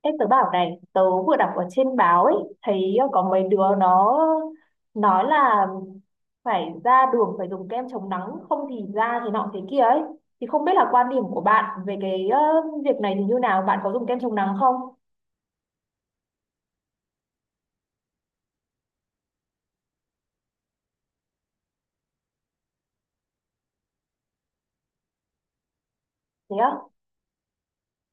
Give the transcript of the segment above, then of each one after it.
Ê, tớ bảo này, tớ vừa đọc ở trên báo ấy, thấy có mấy đứa nó nói là phải ra đường phải dùng kem chống nắng, không thì da thì nọ thế kia ấy. Thì không biết là quan điểm của bạn về cái việc này thì như nào, bạn có dùng kem chống nắng không? Thế á?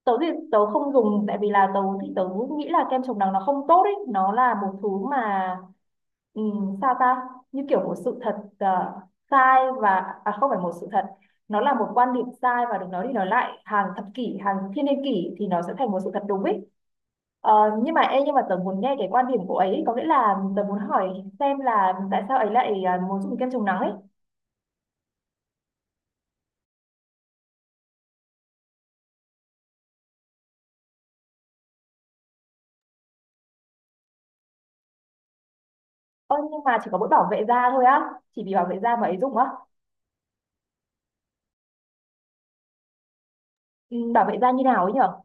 tớ thì tớ không dùng tại vì là tớ nghĩ là kem chống nắng nó không tốt ấy, nó là một thứ mà sao ta như kiểu một sự thật sai và à không phải một sự thật, nó là một quan điểm sai và được nói đi nói lại hàng thập kỷ hàng thiên niên kỷ thì nó sẽ thành một sự thật đúng ấy. Ờ, nhưng mà ê, nhưng mà tớ muốn nghe cái quan điểm của ấy, có nghĩa là tớ muốn hỏi xem là tại sao ấy lại muốn dùng kem chống nắng ấy. Ơ nhưng mà chỉ có mỗi bảo vệ da thôi á, chỉ vì bảo vệ da mà ấy dùng á? Ừ, bảo vệ da như nào ấy nhở?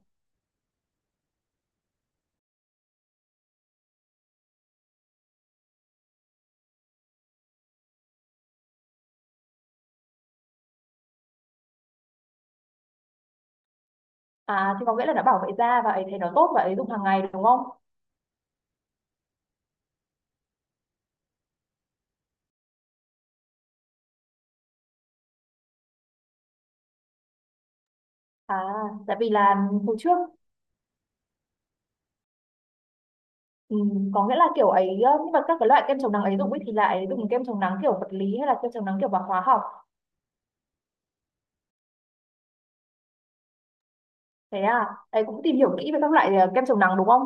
À, thì có nghĩa là nó bảo vệ da và ấy thấy nó tốt và ấy dùng hàng ngày đúng không? À, tại vì là hồi trước, ừ, có nghĩa là kiểu ấy nhưng mà các cái loại kem chống nắng ấy dùng ấy thì lại dùng kem chống nắng kiểu vật lý hay là kem chống nắng kiểu bằng hóa học? Thế à, ấy cũng tìm hiểu kỹ về các loại kem chống nắng đúng không?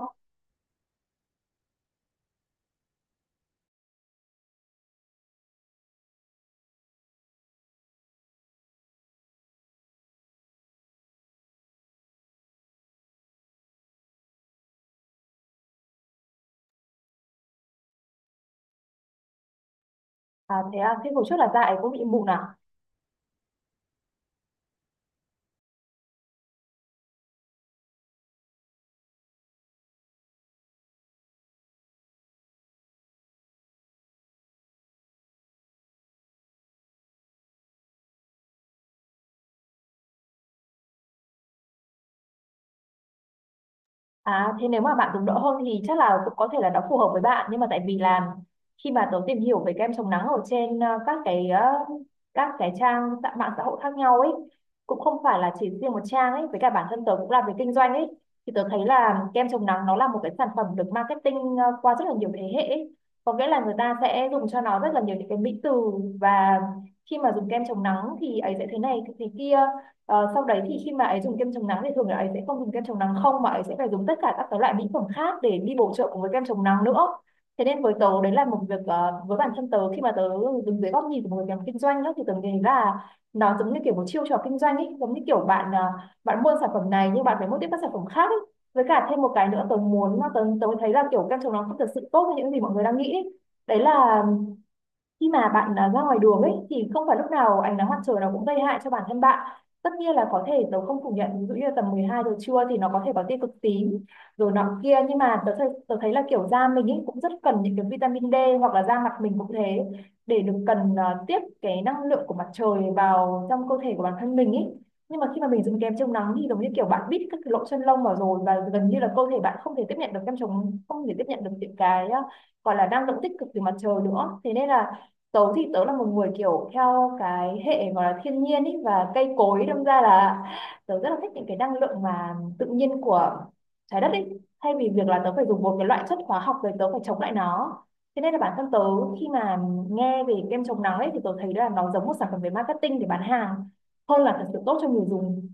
À thế à, thế hồi trước là da ấy cũng bị mụn à? À thế nếu mà bạn dùng đỡ hơn thì chắc là cũng có thể là nó phù hợp với bạn, nhưng mà tại vì là khi mà tớ tìm hiểu về kem chống nắng ở trên các cái các cái mạng xã hội khác nhau ấy, cũng không phải là chỉ riêng một trang ấy, với cả bản thân tớ cũng làm về kinh doanh ấy, thì tớ thấy là kem chống nắng nó là một cái sản phẩm được marketing qua rất là nhiều thế hệ ấy. Có nghĩa là người ta sẽ dùng cho nó rất là nhiều những cái mỹ từ, và khi mà dùng kem chống nắng thì ấy sẽ thế này thế kia. Ờ, sau đấy thì khi mà ấy dùng kem chống nắng thì thường là ấy sẽ không dùng kem chống nắng không, mà ấy sẽ phải dùng tất cả các cái loại mỹ phẩm khác để đi bổ trợ cùng với kem chống nắng nữa. Thế nên với tớ đấy là một việc với bản thân tớ, khi mà tớ đứng dưới góc nhìn của một người làm kinh doanh đó, thì tớ nghĩ là nó giống như kiểu một chiêu trò kinh doanh ấy, giống như kiểu bạn bạn mua sản phẩm này nhưng bạn phải mua tiếp các sản phẩm khác ấy. Với cả thêm một cái nữa tớ muốn mà tớ tớ thấy là kiểu kem chống nắng không thật sự tốt như những gì mọi người đang nghĩ ấy. Đấy là khi mà bạn ra ngoài đường ấy thì không phải lúc nào ánh nắng mặt trời nó cũng gây hại cho bản thân bạn. Tất nhiên là có thể tớ không phủ nhận, ví dụ như là tầm 12 giờ trưa thì nó có thể có tia cực tím rồi nọ kia, nhưng mà tớ thấy là kiểu da mình ấy cũng rất cần những cái vitamin D, hoặc là da mặt mình cũng thế, để được cần tiếp cái năng lượng của mặt trời vào trong cơ thể của bản thân mình ấy. Nhưng mà khi mà mình dùng kem chống nắng thì giống như kiểu bạn bít các cái lỗ chân lông vào rồi, và gần như là cơ thể bạn không thể tiếp nhận được kem chống không thể tiếp nhận được những cái gọi là năng lượng tích cực từ mặt trời nữa. Thế nên là tớ thì tớ là một người kiểu theo cái hệ gọi là thiên nhiên ý, và cây cối, đâm ra là tớ rất là thích những cái năng lượng mà tự nhiên của trái đất ý, thay vì việc là tớ phải dùng một cái loại chất hóa học rồi tớ phải chống lại nó. Thế nên là bản thân tớ khi mà nghe về kem chống nắng ấy thì tớ thấy là nó giống một sản phẩm về marketing để bán hàng hơn là thật sự tốt cho người dùng.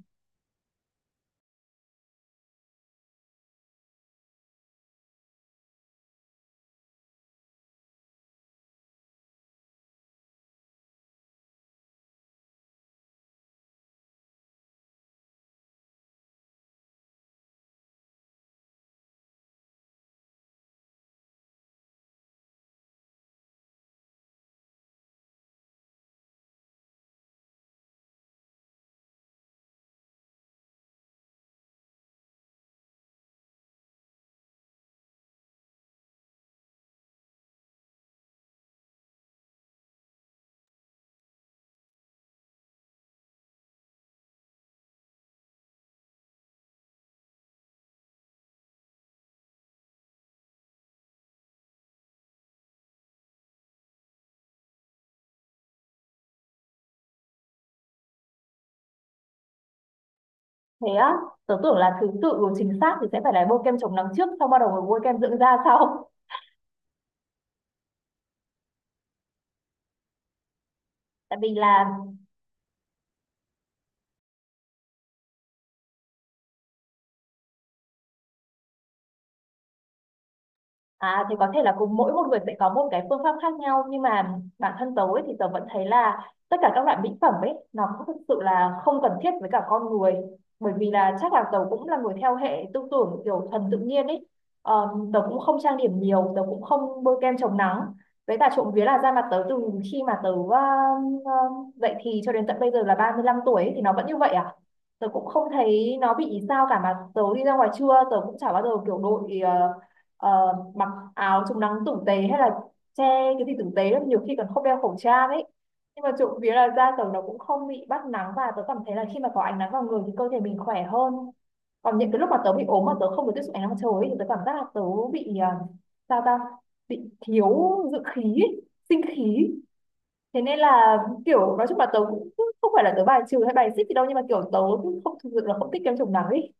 Thế á? Tớ tưởng là thứ tự của chính xác thì sẽ phải là bôi kem chống nắng trước xong bắt đầu mới bôi kem dưỡng da sau. Tại vì là À thì có thể là cùng mỗi một người sẽ có một cái phương pháp khác nhau, nhưng mà bản thân tớ ấy, thì tớ vẫn thấy là tất cả các loại mỹ phẩm ấy nó cũng thực sự là không cần thiết với cả con người, bởi vì là chắc là tớ cũng là người theo hệ tư tưởng kiểu thuần tự nhiên ấy. ờ, Tớ cũng không trang điểm nhiều, tớ cũng không bôi kem chống nắng, với cả trộm vía là da mặt tớ từ khi mà tớ ờ, dậy thì cho đến tận bây giờ là 35 tuổi ấy, thì nó vẫn như vậy à. Tớ cũng không thấy nó bị sao cả, mà tớ đi ra ngoài trưa tớ cũng chả bao giờ kiểu đội ờ, mặc áo chống nắng tử tế, hay là che cái gì tử tế lắm, nhiều khi còn không đeo khẩu trang ấy. Nhưng mà trộm vía là da tớ nó cũng không bị bắt nắng, và tớ cảm thấy là khi mà có ánh nắng vào người thì cơ thể mình khỏe hơn. Còn những cái lúc mà tớ bị ốm mà tớ không được tiếp xúc ánh nắng mặt trời ấy, thì tớ cảm giác là tớ bị à, sao ta bị thiếu dưỡng khí ấy, sinh khí. Thế nên là kiểu nói chung là tớ cũng không phải là tớ bài trừ hay bài xích gì đâu, nhưng mà kiểu tớ cũng không thực sự là không thích kem chống nắng ấy.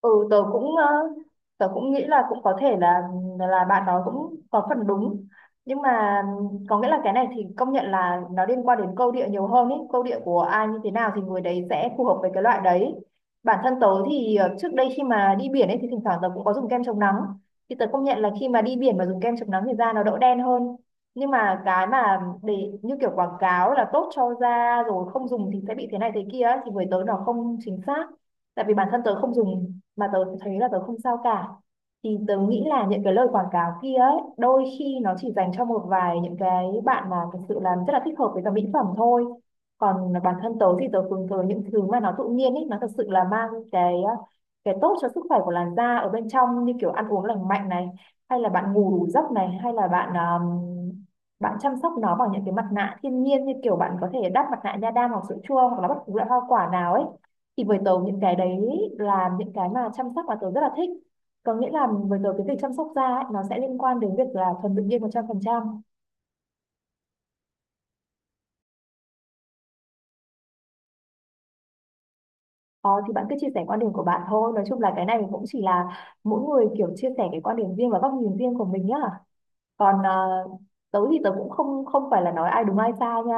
Ừ, tớ cũng tớ cũng nghĩ là cũng có thể là bạn nói cũng có phần đúng, nhưng mà có nghĩa là cái này thì công nhận là nó liên quan đến câu địa nhiều hơn ý, câu địa của ai như thế nào thì người đấy sẽ phù hợp với cái loại đấy. Bản thân tớ thì trước đây khi mà đi biển ấy thì thỉnh thoảng tớ cũng có dùng kem chống nắng, thì tớ công nhận là khi mà đi biển mà dùng kem chống nắng thì da nó đỡ đen hơn. Nhưng mà cái mà để như kiểu quảng cáo là tốt cho da rồi không dùng thì sẽ bị thế này thế kia ấy, thì với tớ nó không chính xác. Tại vì bản thân tớ không dùng mà tớ thấy là tớ không sao cả, thì tớ nghĩ là những cái lời quảng cáo kia ấy đôi khi nó chỉ dành cho một vài những cái bạn mà thực sự là rất là thích hợp với cả mỹ phẩm thôi. Còn bản thân tớ thì tớ hướng tới những thứ mà nó tự nhiên ấy, nó thật sự là mang cái tốt cho sức khỏe của làn da ở bên trong, như kiểu ăn uống lành mạnh này, hay là bạn ngủ đủ giấc này, hay là bạn bạn chăm sóc nó bằng những cái mặt nạ thiên nhiên, như kiểu bạn có thể đắp mặt nạ nha đam hoặc sữa chua hoặc là bất cứ loại hoa quả nào ấy. Thì với tớ những cái đấy là những cái mà chăm sóc mà tớ rất là thích. Có nghĩa là với tớ cái việc chăm sóc da ấy, nó sẽ liên quan đến việc là thuần tự nhiên 100%. Ờ, thì bạn cứ chia sẻ quan điểm của bạn thôi, nói chung là cái này cũng chỉ là mỗi người kiểu chia sẻ cái quan điểm riêng và góc nhìn riêng của mình nhá. Còn tớ thì tớ cũng không không phải là nói ai đúng ai sai nha.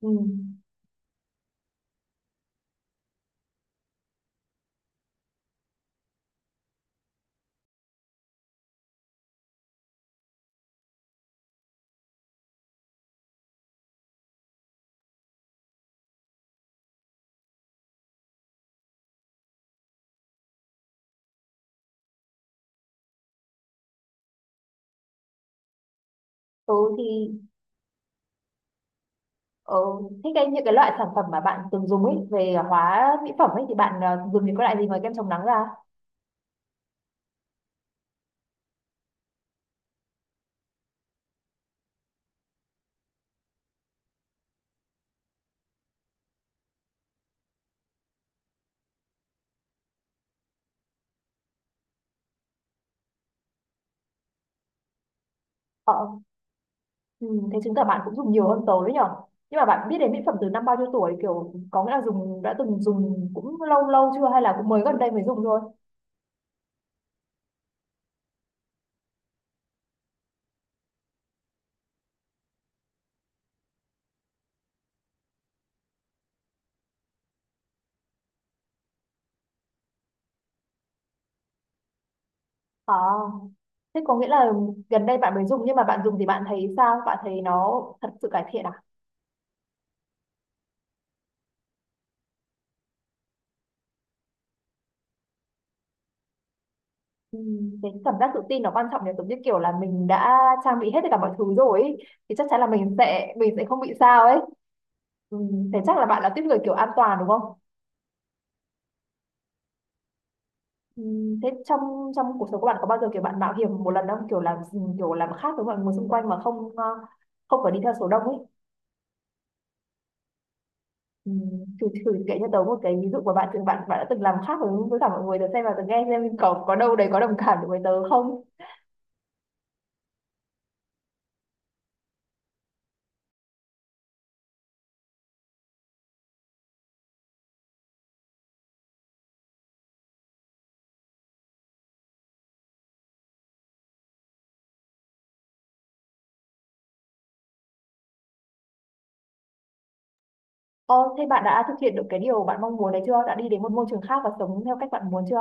Ừ. Tớ thì ờ, thế cái những cái loại sản phẩm mà bạn từng dùng ấy về hóa mỹ phẩm ấy thì bạn dùng những cái loại gì ngoài kem chống nắng ra? Ờ. Ừ, thế chứng tỏ bạn cũng dùng nhiều hơn tớ đấy nhở. Nhưng mà bạn biết đến mỹ phẩm từ năm bao nhiêu tuổi, kiểu có nghĩa là đã từng dùng cũng lâu lâu chưa hay là cũng mới gần đây mới dùng thôi? À, thế có nghĩa là gần đây bạn mới dùng, nhưng mà bạn dùng thì bạn thấy sao, bạn thấy nó thật sự cải thiện à? Ừ, cái cảm giác tự tin nó quan trọng nhỉ, giống như kiểu là mình đã trang bị hết tất cả mọi thứ rồi ấy, thì chắc chắn là mình sẽ không bị sao ấy. Ừ, thế chắc là bạn là tiếp người kiểu an toàn đúng không? Ừ, thế trong trong cuộc sống của bạn có bao giờ kiểu bạn mạo hiểm một lần không, kiểu làm kiểu làm khác với mọi người xung quanh mà không không phải đi theo số đông ấy? Ừ, thử thử kể cho tớ một cái ví dụ của bạn từng bạn bạn đã từng làm khác với với mọi người tớ xem, và tớ nghe xem có đâu đấy có đồng cảm được với tớ không. Ồ, thế bạn đã thực hiện được cái điều bạn mong muốn đấy chưa, đã đi đến một môi trường khác và sống theo cách bạn muốn chưa?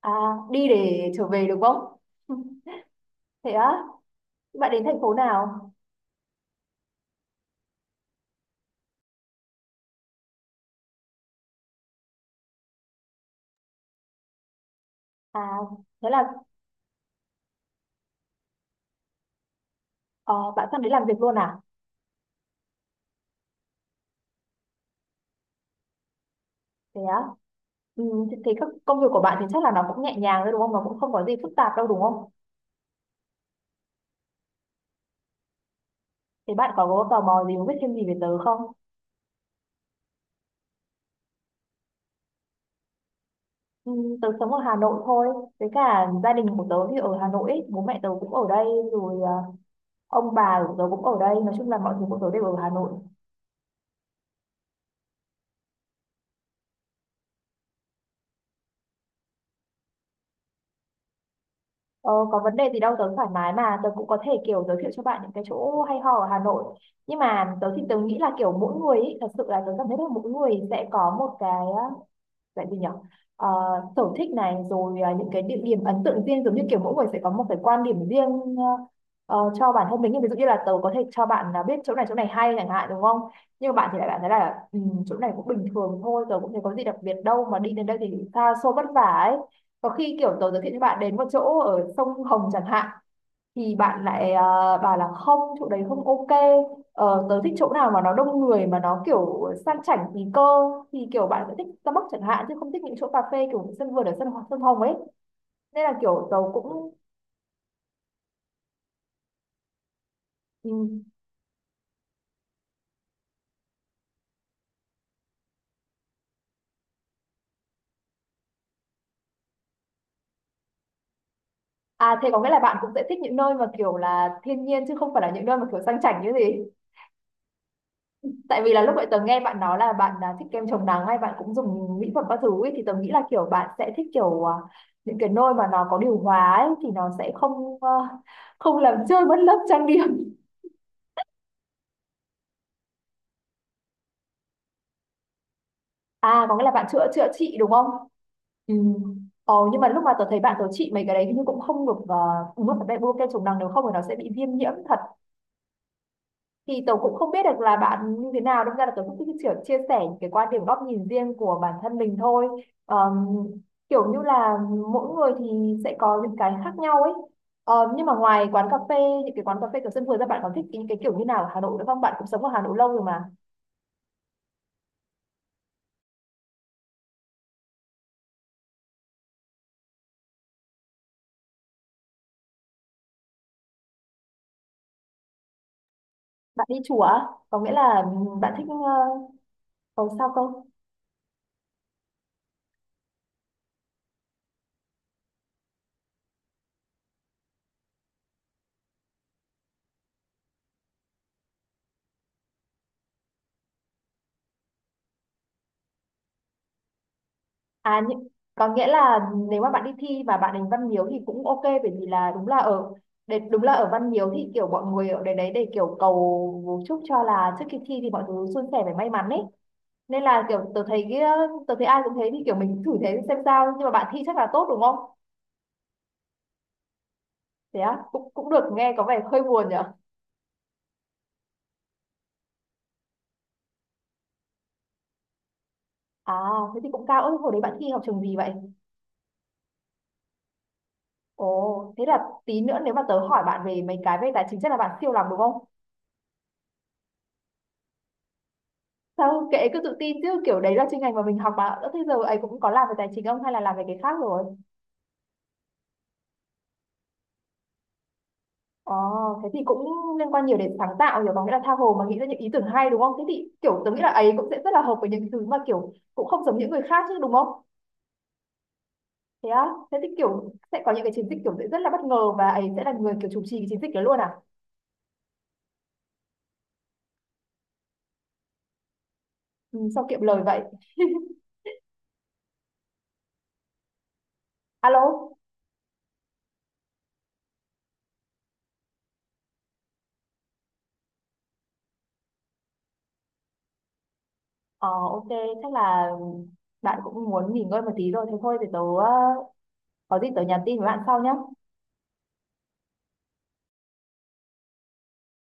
À, đi để trở về được không. Thế á, bạn đến thành phố nào? À thế là, ờ, bạn sang đến làm việc luôn à? Thế á. Ừ, thì các công việc của bạn thì chắc là nó cũng nhẹ nhàng thôi đúng không? Nó cũng không có gì phức tạp đâu đúng không? Thì bạn có tò mò gì muốn biết thêm gì về tớ không? Ừ, tớ sống ở Hà Nội thôi. Với cả gia đình của tớ thì ở Hà Nội ấy. Bố mẹ tớ cũng ở đây rồi, ông bà của tớ cũng ở đây. Nói chung là mọi thứ của tớ đều ở Hà Nội. Ờ, có vấn đề gì đâu, tớ thoải mái mà. Tớ cũng có thể kiểu giới thiệu cho bạn những cái chỗ hay ho ở Hà Nội. Nhưng mà tớ thì tớ nghĩ là kiểu mỗi người ấy, thật sự là tớ cảm thấy là mỗi người sẽ có một cái à, vậy thì nhỉ. Ờ, sở thích này rồi, những cái địa điểm ấn tượng riêng, giống như kiểu mỗi người sẽ có một cái quan điểm riêng cho bản thân mình. Nhưng ví dụ như là tớ có thể cho bạn là biết chỗ này hay chẳng hạn đúng không, nhưng mà bạn thì lại bạn thấy là ừ, chỗ này cũng bình thường thôi, tớ cũng thấy có gì đặc biệt đâu mà đi đến đây thì xa xôi vất vả ấy. Có khi kiểu tớ giới thiệu cho bạn đến một chỗ ở sông Hồng chẳng hạn, thì bạn lại bảo là không, chỗ đấy không ok, tớ thích chỗ nào mà nó đông người mà nó kiểu sang chảnh tí cơ, thì kiểu bạn sẽ thích Starbucks chẳng hạn chứ không thích những chỗ cà phê kiểu sân vườn ở sân sân hồng ấy. Nên là kiểu tớ cũng ừ. À thế có nghĩa là bạn cũng sẽ thích những nơi mà kiểu là thiên nhiên chứ không phải là những nơi mà kiểu sang chảnh như gì. Tại vì là lúc vậy tớ nghe bạn nói là bạn thích kem chống nắng hay bạn cũng dùng mỹ phẩm các thứ ấy, thì tớ nghĩ là kiểu bạn sẽ thích kiểu những cái nôi mà nó có điều hòa ấy, thì nó sẽ không không làm trôi mất lớp trang điểm. À có nghĩa là bạn chữa chữa trị đúng không? Ừ. Ồ, nhưng mà lúc mà tớ thấy bạn tớ trị mấy cái đấy hình như cũng không được uống một cái bê bô kem chống nắng, nếu không thì nó sẽ bị viêm nhiễm thật. Thì tớ cũng không biết được là bạn như thế nào, đâm ra là tớ cũng chỉ chia sẻ những cái quan điểm góc nhìn riêng của bản thân mình thôi. Ờm, Kiểu như là mỗi người thì sẽ có những cái khác nhau ấy. Nhưng mà ngoài quán cà phê, những cái quán cà phê kiểu sân vườn ra, bạn còn thích những cái kiểu như nào ở Hà Nội nữa không, bạn cũng sống ở Hà Nội lâu rồi mà. Bạn đi chùa á? Có nghĩa là bạn thích cầu sao không? À, nhưng, có nghĩa là nếu mà bạn đi thi và bạn đánh Văn Miếu thì cũng ok, bởi vì là đúng là ở để, đúng là ở Văn Miếu thì kiểu mọi người ở đấy đấy để kiểu cầu chúc cho là trước khi thi thì mọi thứ suôn sẻ và may mắn ấy. Nên là kiểu tớ thấy cái tớ thấy ai cũng thế thì kiểu mình thử thế xem sao, nhưng mà bạn thi chắc là tốt đúng không? Thế á, cũng cũng được, nghe có vẻ hơi buồn nhỉ. À thế thì cũng cao. Ôi, hồi đấy bạn thi học trường gì vậy? Ồ thế là tí nữa nếu mà tớ hỏi bạn về mấy cái về tài chính chắc là bạn siêu lắm đúng không? Sao kệ, cứ tự tin chứ, kiểu đấy là chuyên ngành mà mình học mà. Ơ, thế giờ ấy cũng có làm về tài chính không hay là làm về cái khác rồi? Ồ, thế thì cũng liên quan nhiều đến sáng tạo, hiểu bằng nghĩa là tha hồ mà nghĩ ra những ý tưởng hay đúng không, thế thì kiểu tớ nghĩ là ấy cũng sẽ rất là hợp với những thứ mà kiểu cũng không giống những người khác chứ đúng không? Thế á, thế thì kiểu sẽ có những cái chiến dịch kiểu sẽ rất là bất ngờ và ấy sẽ là người kiểu chủ trì cái chiến dịch đó luôn à? Ừ, sao kiệm lời vậy. Alo. Ờ ok, chắc là bạn cũng muốn nghỉ ngơi một tí rồi, thế thôi thì tớ ờ, có gì tớ nhắn tin với bạn sau nhé.